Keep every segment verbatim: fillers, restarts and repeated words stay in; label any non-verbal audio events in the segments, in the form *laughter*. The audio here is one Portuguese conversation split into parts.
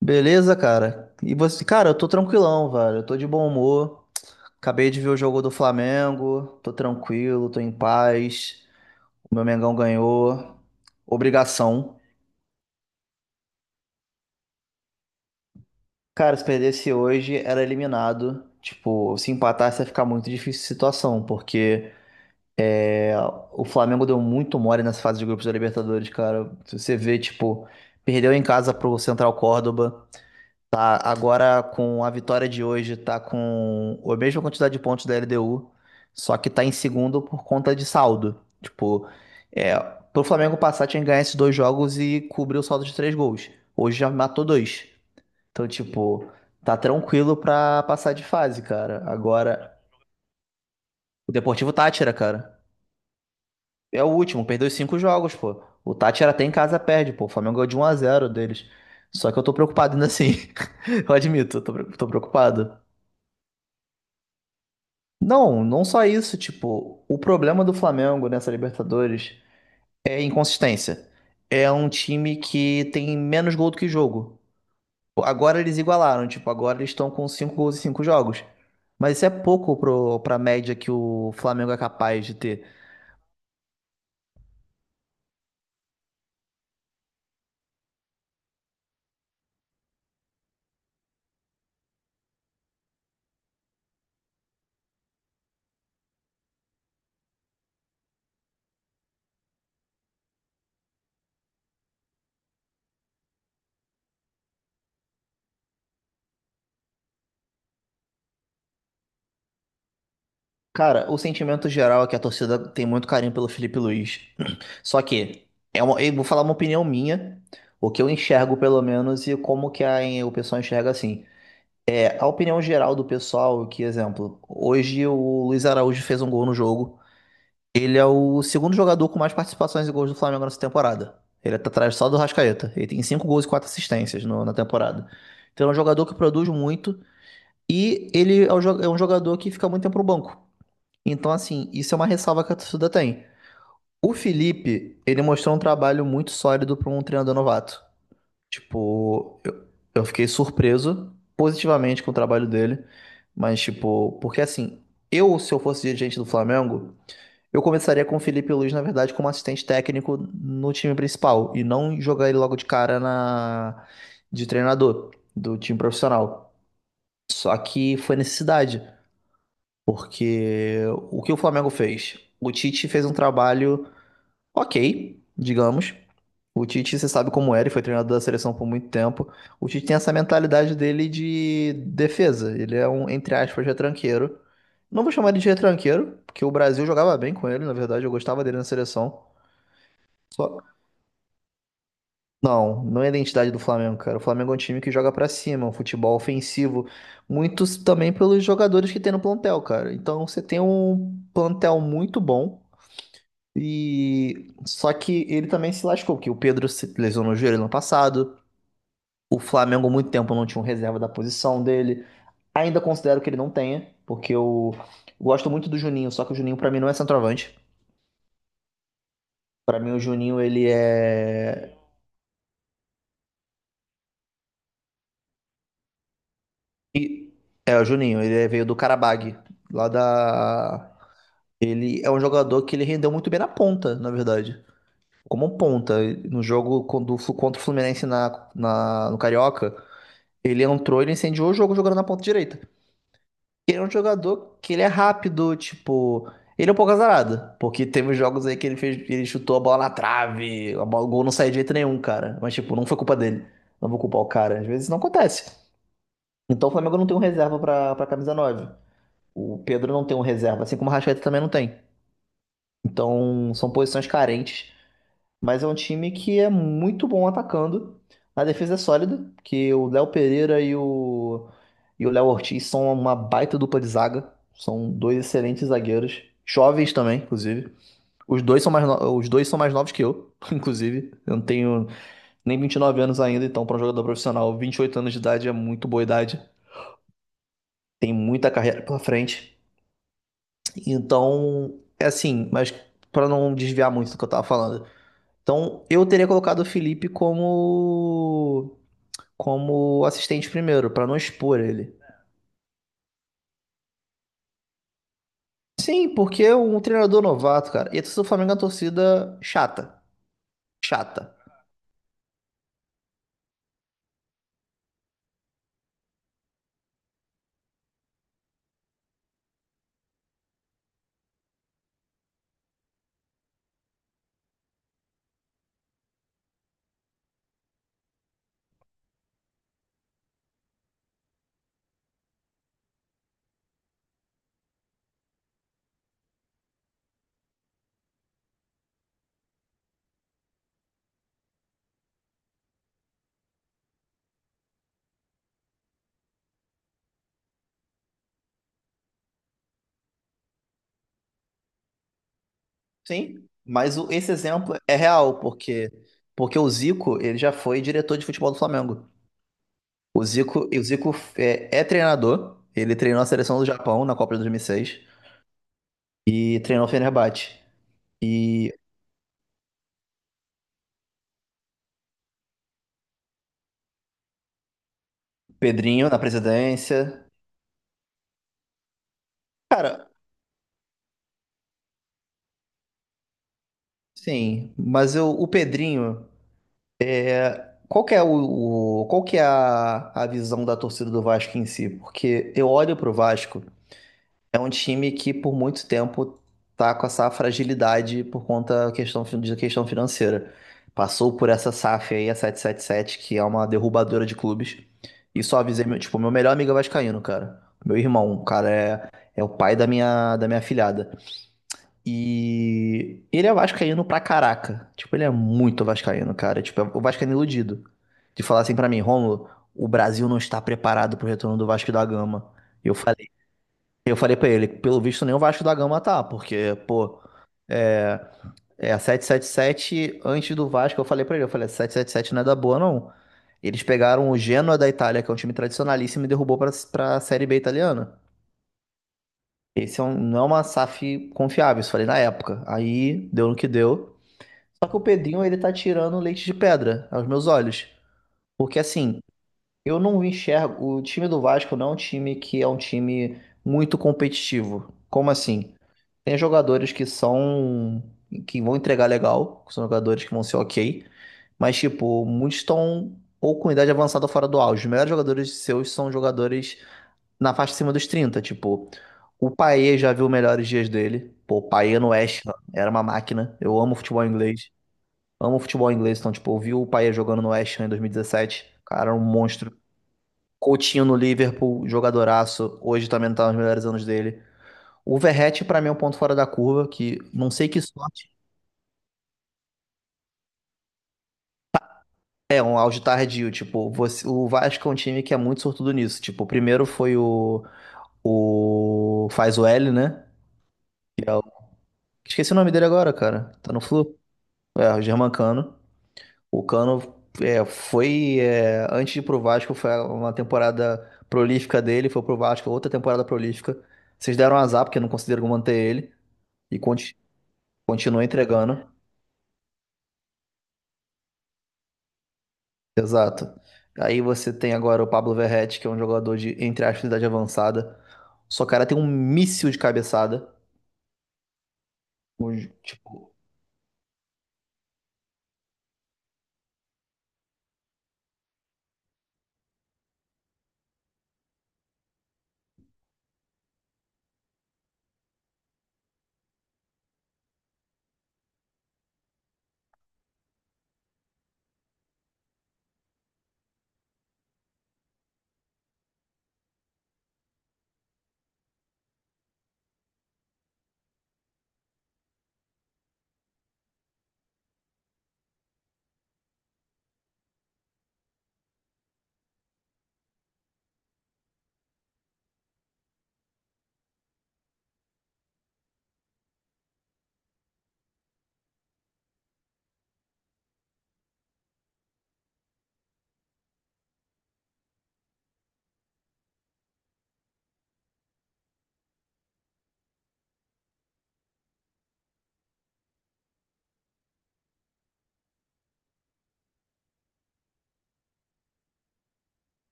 Beleza, cara? E você, cara, eu tô tranquilão, velho. Eu tô de bom humor. Acabei de ver o jogo do Flamengo. Tô tranquilo, tô em paz. O meu Mengão ganhou. Obrigação. Cara, se perdesse hoje, era eliminado. Tipo, se empatasse ia ficar muito difícil a situação, porque é, o Flamengo deu muito mole nessa fase de grupos da Libertadores, cara. Se Você vê, tipo, perdeu em casa pro Central Córdoba. Tá, agora com a vitória de hoje, tá com a mesma quantidade de pontos da L D U, só que tá em segundo por conta de saldo. Tipo, é, pro Flamengo passar tinha que ganhar esses dois jogos e cobrir o saldo de três gols. Hoje já matou dois. Então, tipo, tá tranquilo pra passar de fase, cara. Agora, o Deportivo Tátira, cara, é o último, perdeu cinco jogos, pô. O Tátira até em casa perde, pô. O Flamengo ganhou de um a zero deles. Só que eu tô preocupado ainda assim. *laughs* Eu admito, eu tô pre- tô preocupado. Não, não só isso, tipo, o problema do Flamengo nessa Libertadores é inconsistência. É um time que tem menos gol do que jogo. Agora eles igualaram, tipo, agora eles estão com cinco gols em cinco jogos. Mas isso é pouco pro, pra média que o Flamengo é capaz de ter. Cara, o sentimento geral é que a torcida tem muito carinho pelo Felipe Luiz. *clears throat* Só que, é uma, eu vou falar uma opinião minha, o que eu enxergo pelo menos e como que a, o pessoal enxerga assim. A opinião geral do pessoal, é que exemplo, hoje o Luiz Araújo fez um gol no jogo. Ele é o segundo jogador com mais participações e gols do Flamengo nessa temporada. Ele tá atrás só do Rascaeta. Ele tem cinco gols e quatro assistências no- na temporada. Então é um jogador que produz muito e ele é um jo- é um jogador que fica muito tempo no banco. Então, assim, isso é uma ressalva que a torcida tem. O Felipe, ele mostrou um trabalho muito sólido para um treinador novato. Tipo, eu, eu fiquei surpreso positivamente com o trabalho dele, mas, tipo, porque assim, eu, se eu fosse dirigente do Flamengo, eu começaria com o Felipe Luiz, na verdade, como assistente técnico no time principal, e não jogar ele logo de cara na, de treinador do time profissional. Só que foi necessidade, porque o que o Flamengo fez? O Tite fez um trabalho. Ok, digamos. O Tite, você sabe como era, e foi treinador da seleção por muito tempo. O Tite tem essa mentalidade dele de defesa. Ele é um, entre aspas, retranqueiro. Não vou chamar ele de retranqueiro, porque o Brasil jogava bem com ele, na verdade, eu gostava dele na seleção. Só- Não, não é a identidade do Flamengo, cara. O Flamengo é um time que joga pra cima, um futebol ofensivo, muito também pelos jogadores que tem no plantel, cara. Então você tem um plantel muito bom. E só que ele também se lascou, que o Pedro se lesionou o joelho no passado. O Flamengo, há muito tempo, não tinha um reserva da posição dele. Ainda considero que ele não tenha, porque eu gosto muito do Juninho, só que o Juninho, pra mim, não é centroavante. Pra mim, o Juninho, ele é. É, o Juninho, ele é- veio do Karabag, lá da. Ele é um jogador que ele rendeu muito bem na ponta, na verdade. Como um ponta. No jogo quando- contra o Fluminense na, na- no Carioca. Ele entrou, ele incendiou o jogo jogando na ponta direita. Ele é um jogador que ele é rápido, tipo. Ele é um pouco azarado, porque teve jogos aí que ele fez, ele chutou a bola na trave, a bola, o gol não saiu de jeito nenhum, cara. Mas, tipo, não foi culpa dele. Não vou culpar o cara. Às vezes não acontece. Então o Flamengo não tem um reserva pra, pra camisa nove. O Pedro não tem um reserva, assim como o Rascaeta também não tem. Então são posições carentes. Mas é um time que é muito bom atacando. A defesa é sólida, que o Léo Pereira e o e o Léo Ortiz são uma baita dupla de zaga. São dois excelentes zagueiros, jovens também, inclusive. Os dois são mais no- os dois são mais novos que eu, *laughs* inclusive. Eu não tenho nem vinte e nove anos ainda, então para um jogador profissional, vinte e oito anos de idade é muito boa idade. Tem muita carreira pela frente. Então, é assim, mas para não desviar muito do que eu tava falando, então, eu teria colocado o Felipe como como assistente primeiro, pra não expor ele. Sim, porque é um treinador novato, cara. E a torcida do Flamengo é uma torcida chata, chata. Sim, mas o- esse exemplo é real, porque porque o Zico, ele já foi diretor de futebol do Flamengo. O Zico, e o Zico é, é treinador, ele treinou a seleção do Japão na Copa de dois mil e seis e seis e treinou o Fenerbahçe. E Pedrinho na presidência. Sim, mas eu, o Pedrinho, qual que é o, o- qual que é a, a visão da torcida do Vasco em si? Porque eu olho pro Vasco, é um time que por muito tempo tá com essa fragilidade por conta da questão, fin- de questão financeira. Passou por essa saf aí, a sete sete sete, que é uma derrubadora de clubes. E só avisei, meu, tipo, meu melhor amigo é vascaíno, cara. Meu irmão, o cara, é, é o pai da minha, da minha afilhada. E ele é vascaíno pra caraca. Tipo, ele é muito vascaíno, cara. Tipo, é o vascaíno iludido. De falar assim pra mim, Rômulo, o Brasil não está preparado pro retorno do Vasco da Gama. E Eu falei, eu falei pra ele, pelo visto nem o Vasco da Gama tá, porque, pô, é, é a sete sete sete antes do Vasco, eu falei pra ele, eu falei, sete sete sete não é da boa, não. Eles pegaram o Genoa da Itália, que é um time tradicionalíssimo, e derrubou pra, pra Série B italiana. Esse é um- não é uma saf confiável, isso eu falei na época. Aí deu no que deu. Só que o Pedrinho, ele tá tirando leite de pedra aos meus olhos. Porque assim, eu não enxergo. O time do Vasco não é um time que é um time muito competitivo. Como assim? Tem jogadores que são, que vão entregar legal, que são jogadores que vão ser ok. Mas, tipo, muitos estão ou com idade avançada ou fora do auge. Os melhores jogadores seus são jogadores na faixa acima dos trinta. Tipo, o Paê já viu melhores dias dele. Pô, o Paê no West Ham era uma máquina. Eu amo futebol inglês. Amo futebol inglês, então, tipo, eu vi o Payet jogando no West Ham em dois mil e dezessete. Cara, um monstro. Coutinho no Liverpool, jogadoraço. Hoje também não tá nos melhores anos dele. O Verratti, pra mim, é um ponto fora da curva, que não sei que sorte. É, um auge tardio. Tipo, você- o Vasco é um time que é muito sortudo nisso. Tipo, o primeiro foi o. O. Faz o L, né? Esqueci o nome dele agora, cara. Tá no Flu? É, o Germancano. O Cano é, foi é, antes de ir pro Vasco, foi uma temporada prolífica dele, foi pro Vasco, outra temporada prolífica. Vocês deram azar, porque não conseguiram manter ele e conti- continua entregando. Exato. Aí você tem agora o Pablo Verretti, que é um jogador de, entre aspas, idade avançada. Só cara tem um míssil de cabeçada. Tipo,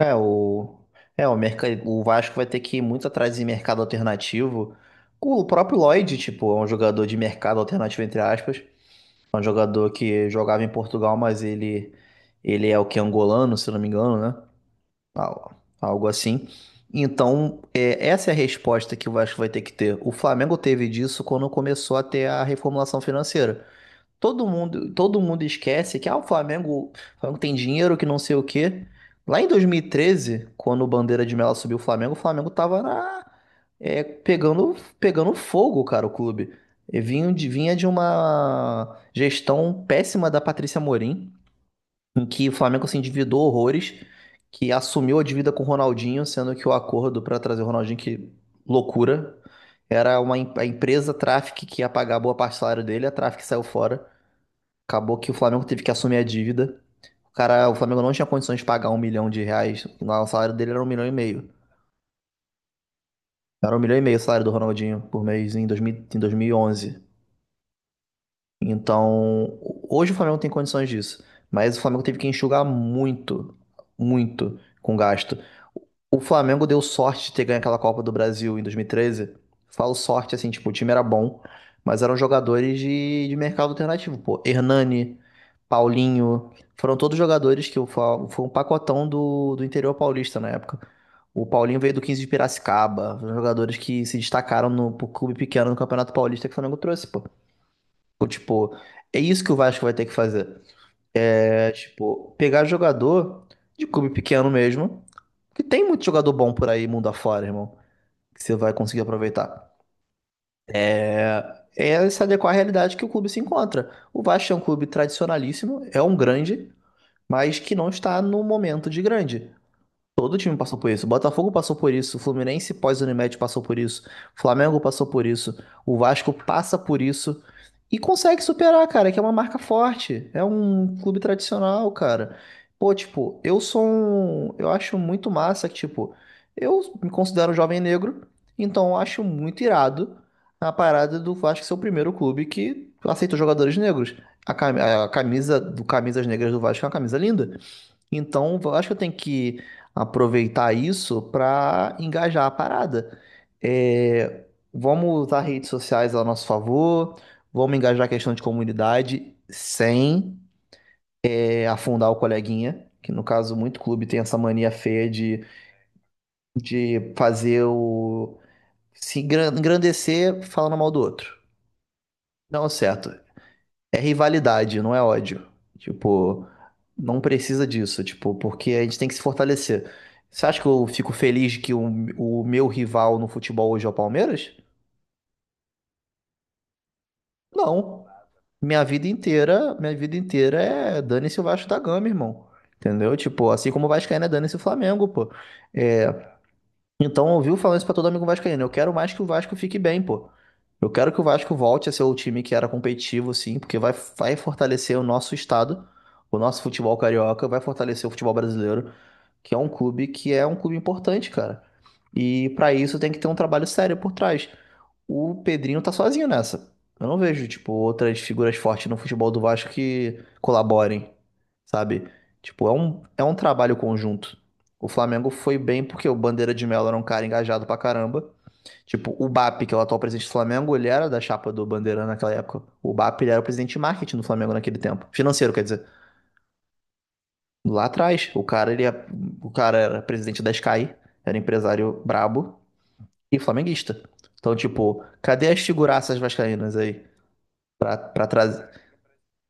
é, o. É, o, merca- o Vasco vai ter que ir muito atrás de mercado alternativo. O próprio Lloyd, tipo, é um jogador de mercado alternativo, entre aspas. É um jogador que jogava em Portugal, mas ele, ele é o que? Angolano, se não me engano, né? Al- Algo assim. Então, é, essa é a resposta que o Vasco vai ter que ter. O Flamengo teve disso quando começou a ter a reformulação financeira. Todo mundo, todo mundo esquece que ah, o Flamengo, o Flamengo tem dinheiro que não sei o quê. Lá em dois mil e treze, quando o Bandeira de Melo subiu o Flamengo, o Flamengo tava na, é, pegando, pegando fogo, cara, o clube. E vinha de, vinha de uma gestão péssima da Patrícia Amorim, em que o Flamengo se endividou horrores, que assumiu a dívida com o Ronaldinho, sendo que o acordo para trazer o Ronaldinho, que loucura, era uma, em- a empresa Traffic que ia pagar boa parte do salário dele, a Traffic saiu fora. Acabou que o Flamengo teve que assumir a dívida. O cara, o Flamengo não tinha condições de pagar um milhão de reais, lá o salário dele era um milhão e meio. Era um milhão e meio o salário do Ronaldinho por mês em, dois mil, em dois mil e onze. Então, hoje o Flamengo tem condições disso. Mas o Flamengo teve que enxugar muito, muito com gasto. O Flamengo deu sorte de ter ganho aquela Copa do Brasil em dois mil e treze. Falo sorte, assim, tipo, o time era bom, mas eram jogadores de, de mercado alternativo, pô. Hernani, Paulinho, foram todos jogadores que o Fa- foi um pacotão do, do interior paulista na época. O Paulinho veio do quinze de Piracicaba, foram jogadores que se destacaram no pro clube pequeno no Campeonato Paulista que o Flamengo trouxe, pô. Então, tipo, é isso que o Vasco vai ter que fazer. É, tipo, pegar jogador de clube pequeno mesmo, porque tem muito jogador bom por aí, mundo afora, irmão, que você vai conseguir aproveitar. É, é se adequar à realidade que o clube se encontra. O Vasco é um clube tradicionalíssimo, é um grande, mas que não está no momento de grande. Todo time passou por isso. O Botafogo passou por isso. O Fluminense pós-Unimed passou por isso. O Flamengo passou por isso. O Vasco passa por isso. E consegue superar, cara, que é uma marca forte. É um clube tradicional, cara. Pô, tipo, eu sou um. Eu acho muito massa que, tipo, eu me considero um jovem negro. Então eu acho muito irado a parada do Vasco ser o primeiro clube que aceita jogadores negros. A cami- a camisa do Camisas Negras do Vasco é uma camisa linda. Então, eu acho que eu tenho que aproveitar isso para engajar a parada. É, vamos usar redes sociais a nosso favor, vamos engajar a questão de comunidade sem, é, afundar o coleguinha, que no caso muito clube tem essa mania feia de, de fazer o... se engran- engrandecer falando mal do outro. Não, é certo. É rivalidade, não é ódio. Tipo, não precisa disso, tipo, porque a gente tem que se fortalecer. Você acha que eu fico feliz que o, o meu rival no futebol hoje é o Palmeiras? Não. Minha vida inteira, minha vida inteira é dane-se o Vasco da Gama, irmão. Entendeu? Tipo, assim como o Vascaíno é dane-se o Flamengo, pô. É, então, eu ouviu falando isso pra todo amigo vascaíno. Eu quero mais que o Vasco fique bem, pô. Eu quero que o Vasco volte a ser o time que era competitivo, sim, porque vai, vai fortalecer o nosso estado, o nosso futebol carioca, vai fortalecer o futebol brasileiro, que é um clube, que é um clube importante, cara. E pra isso tem que ter um trabalho sério por trás. O Pedrinho tá sozinho nessa. Eu não vejo, tipo, outras figuras fortes no futebol do Vasco que colaborem, sabe? Tipo, é um, é um trabalho conjunto. O Flamengo foi bem porque o Bandeira de Melo era um cara engajado pra caramba. Tipo, o B A P, que é o atual presidente do Flamengo, ele era da chapa do Bandeira naquela época. O B A P, ele era o presidente de marketing do Flamengo naquele tempo. Financeiro, quer dizer. Lá atrás, o cara, ele, é- o cara era presidente da Sky, era empresário brabo e flamenguista. Então, tipo, cadê as figuraças vascaínas aí? para trazer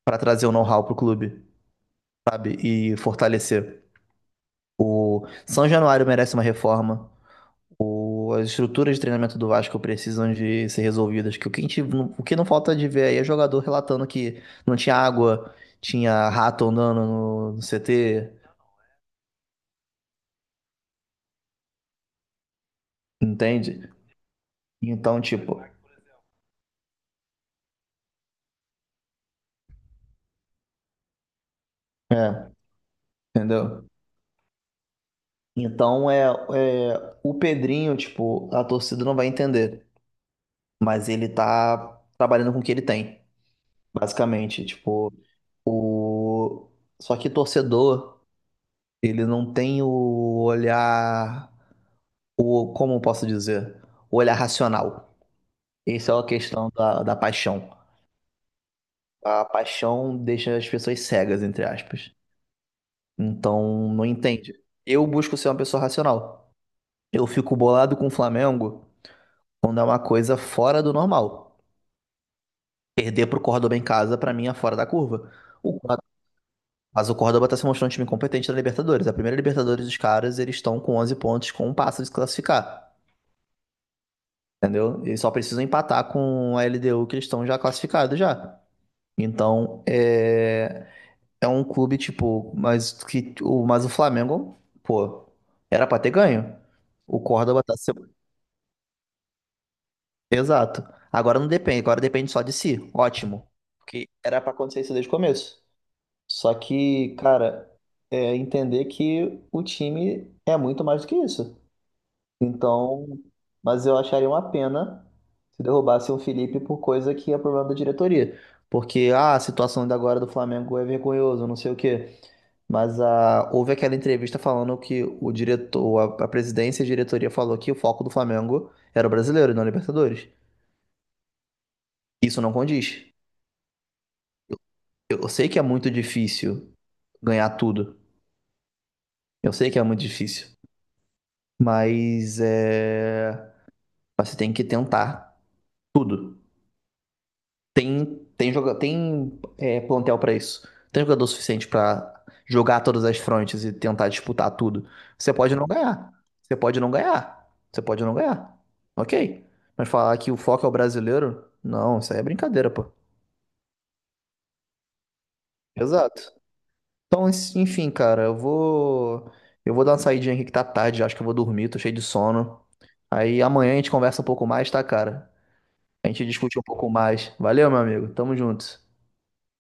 Para trazer o know-how pro clube, sabe? E fortalecer. O São Januário merece uma reforma. As estruturas de treinamento do Vasco precisam de ser resolvidas. Que o que, a gente- o que não falta de ver aí é jogador relatando que não tinha água, tinha rato andando no, no C T, entende? Então, tipo, é, entendeu? Então é, é o Pedrinho, tipo, a torcida não vai entender, mas ele tá trabalhando com o que ele tem, basicamente, tipo, o... Só que torcedor, ele não tem o olhar, o, como eu posso dizer, o olhar racional. Essa é a questão da, da paixão. A paixão deixa as pessoas cegas, entre aspas. Então, não entende. Eu busco ser uma pessoa racional. Eu fico bolado com o Flamengo quando é uma coisa fora do normal. Perder pro Córdoba em casa, pra mim, é fora da curva. O Mas o Córdoba tá se mostrando um time competente na Libertadores. A primeira Libertadores dos caras, eles estão com onze pontos, com um passo de se classificar. Entendeu? Eles só precisam empatar com a L D U, que eles estão já classificados já. Então, é... É um clube, tipo... Mas, que... o- mas o Flamengo, pô, era pra ter ganho. O Córdoba tá... se- Exato. Agora não depende. Agora depende só de si. Ótimo. Porque era pra acontecer isso desde o começo. Só que, cara, é entender que o time é muito mais do que isso. Então, mas eu acharia uma pena se derrubasse o Felipe por coisa que é problema da diretoria. Porque, ah, a situação da agora do Flamengo é vergonhosa, não sei o quê. Mas ah, houve aquela entrevista falando que o diretor, a, a presidência e a diretoria falou que o foco do Flamengo era o brasileiro e não a Libertadores. Isso não condiz. Eu eu sei que é muito difícil ganhar tudo. Eu sei que é muito difícil. Mas é. Você tem que tentar tudo. Tem, tem, joga... tem é, plantel pra isso. Tem jogador suficiente pra jogar todas as frontes e tentar disputar tudo. Você pode não ganhar. Você pode não ganhar. Você pode não ganhar. Ok. Mas falar que o foco é o brasileiro? Não, isso aí é brincadeira, pô. Exato. Então, ens- enfim, cara, eu vou. Eu vou dar uma saidinha aqui que tá tarde, acho que eu vou dormir, tô cheio de sono. Aí amanhã a gente conversa um pouco mais, tá, cara? A gente discute um pouco mais. Valeu, meu amigo. Tamo junto.